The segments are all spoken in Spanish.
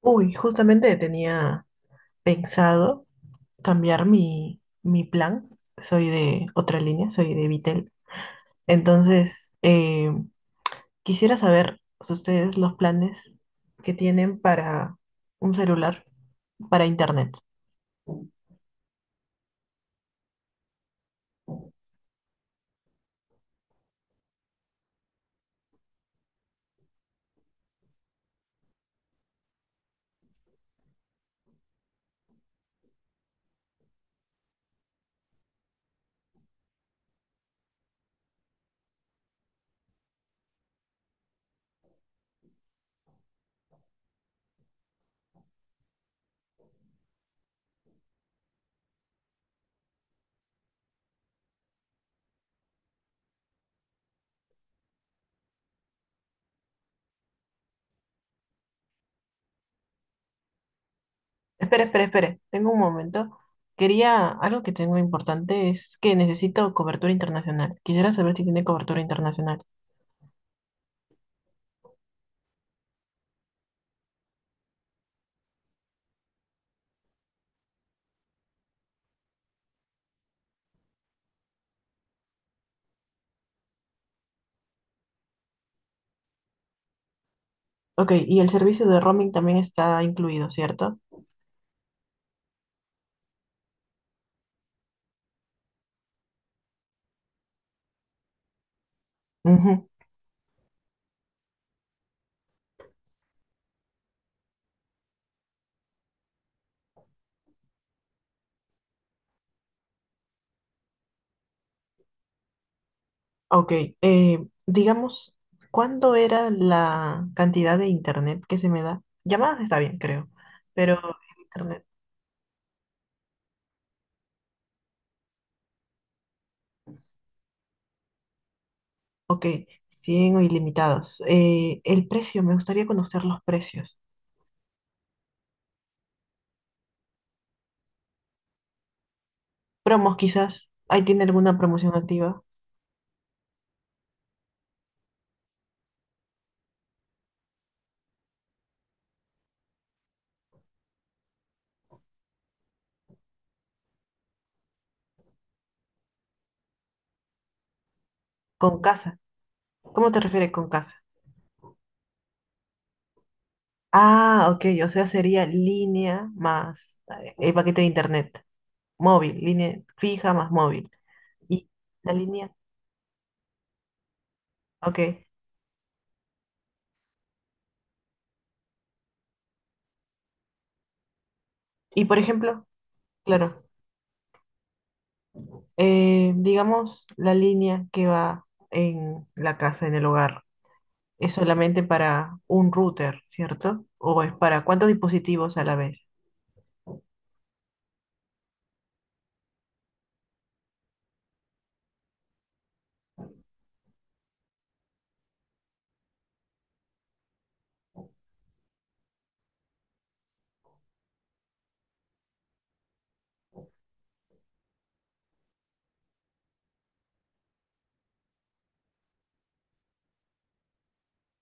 Uy, justamente tenía pensado cambiar mi plan. Soy de otra línea, soy de Vitel. Entonces, quisiera saber si ustedes los planes que tienen para un celular, para internet. Espera, espera, espera. Tengo un momento. Quería, algo que tengo importante es que necesito cobertura internacional. Quisiera saber si tiene cobertura internacional. Ok, y el servicio de roaming también está incluido, ¿cierto? Ujú. Ok, digamos, ¿cuándo era la cantidad de internet que se me da? Llamadas está bien, creo, pero el internet. Ok, 100 o ilimitados. El precio, me gustaría conocer los precios. Promos quizás. ¿Ahí tiene alguna promoción activa? Con casa. ¿Cómo te refieres con casa? Ah, ok, o sea, sería línea más el paquete de internet. Móvil, línea fija más móvil. Y la línea, ok. Y por ejemplo, claro, digamos la línea que va en la casa, en el hogar, es solamente para un router, ¿cierto? ¿O es para cuántos dispositivos a la vez?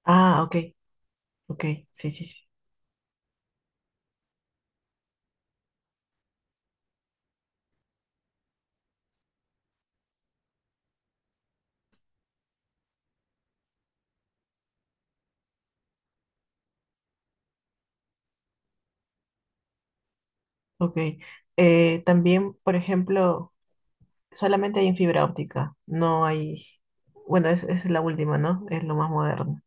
Ah, ok, ok, sí, sí, sí, ok. También, por ejemplo, solamente hay en fibra óptica, no hay, bueno, es la última, ¿no? Es lo más moderno.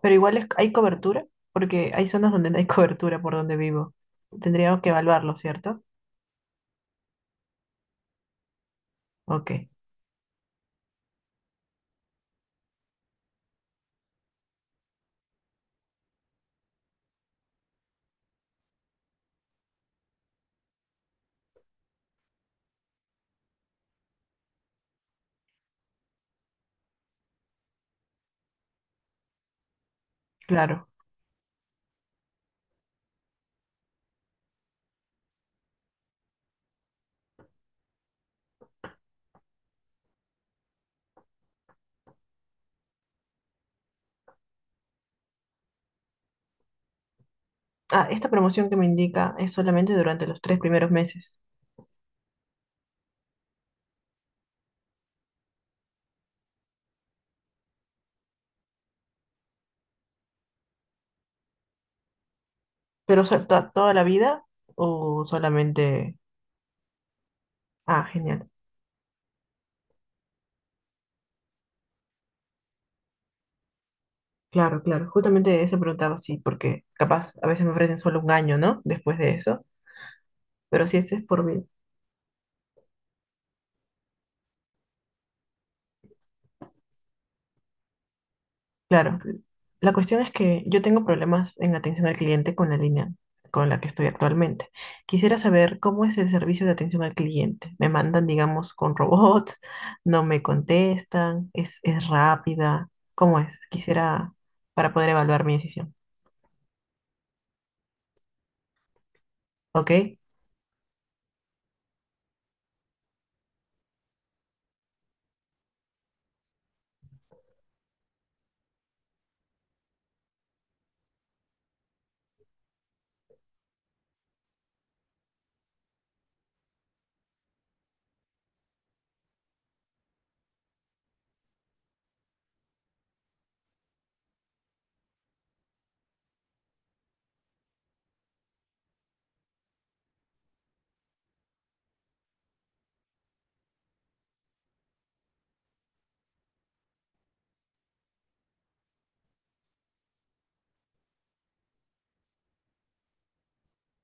Pero hay cobertura, porque hay zonas donde no hay cobertura por donde vivo. Tendríamos que evaluarlo, ¿cierto? Ok, claro. Ah, esta promoción que me indica es solamente durante los tres primeros meses. ¿Pero o sea, toda la vida o solamente...? Ah, genial. Claro, claro. Justamente eso preguntaba, sí, porque capaz a veces me ofrecen solo un año, ¿no? Después de eso. Pero si este es por vida. Claro. La cuestión es que yo tengo problemas en atención al cliente con la línea con la que estoy actualmente. Quisiera saber cómo es el servicio de atención al cliente. Me mandan, digamos, con robots, no me contestan, es rápida. ¿Cómo es? Quisiera para poder evaluar mi decisión. ¿Ok?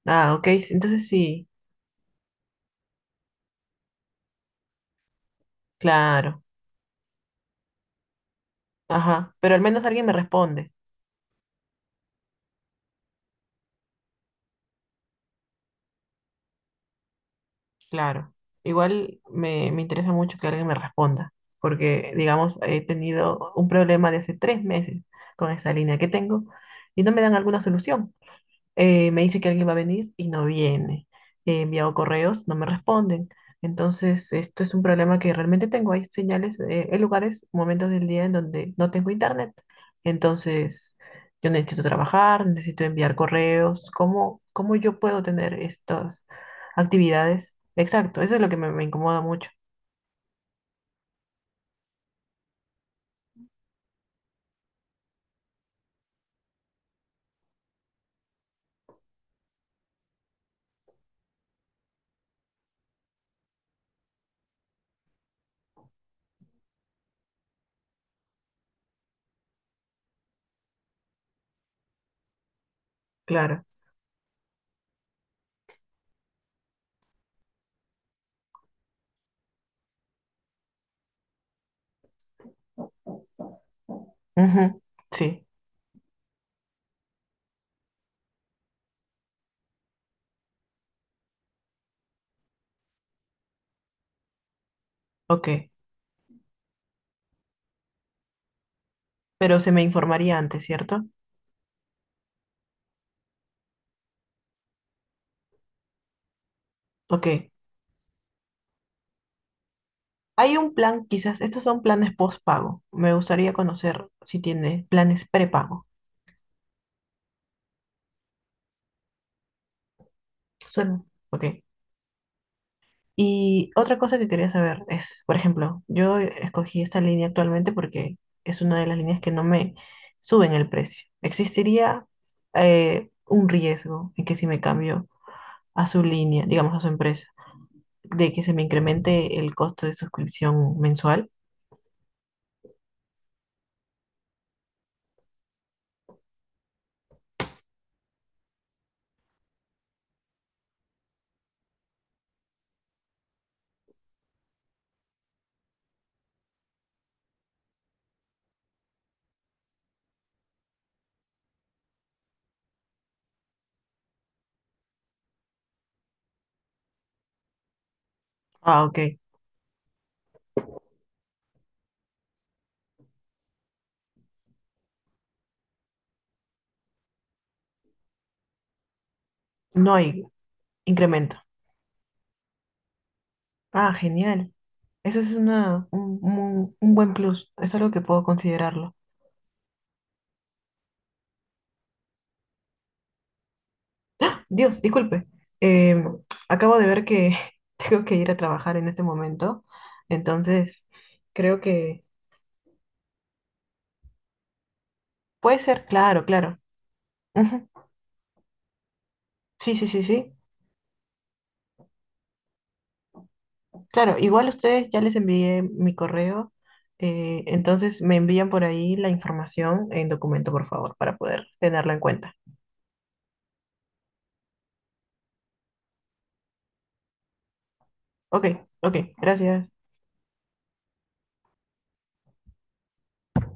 Ah, ok, sí, entonces sí, claro. Ajá, pero al menos alguien me responde, claro. Igual me interesa mucho que alguien me responda, porque, digamos, he tenido un problema de hace tres meses con esa línea que tengo y no me dan alguna solución. Me dice que alguien va a venir y no viene. He enviado correos, no me responden. Entonces, esto es un problema que realmente tengo. Hay señales, hay lugares, momentos del día en donde no tengo internet. Entonces, yo necesito trabajar, necesito enviar correos. ¿Cómo, cómo yo puedo tener estas actividades? Exacto, eso es lo que me incomoda mucho. Claro. Ujú. Sí, ok. Pero se me informaría antes, ¿cierto? Ok. Hay un plan, quizás, estos son planes postpago. Me gustaría conocer si tiene planes prepago. Suena. Ok. Y otra cosa que quería saber es, por ejemplo, yo escogí esta línea actualmente porque es una de las líneas que no me suben el precio. ¿Existiría un riesgo en que si me cambio a su línea, digamos a su empresa, de que se me incremente el costo de suscripción mensual? Ah, ok. No hay incremento. Ah, genial. Eso es una, un, un buen plus. Es algo que puedo considerarlo. Dios, disculpe. Eh, acabo de ver que tengo que ir a trabajar en este momento. Entonces, creo que puede ser. Claro, claro. Ujú. Sí, sí, sí, sí. Claro, igual ustedes ya les envié mi correo. Entonces, me envían por ahí la información en documento, por favor, para poder tenerla en cuenta. Ok, ok. Gracias.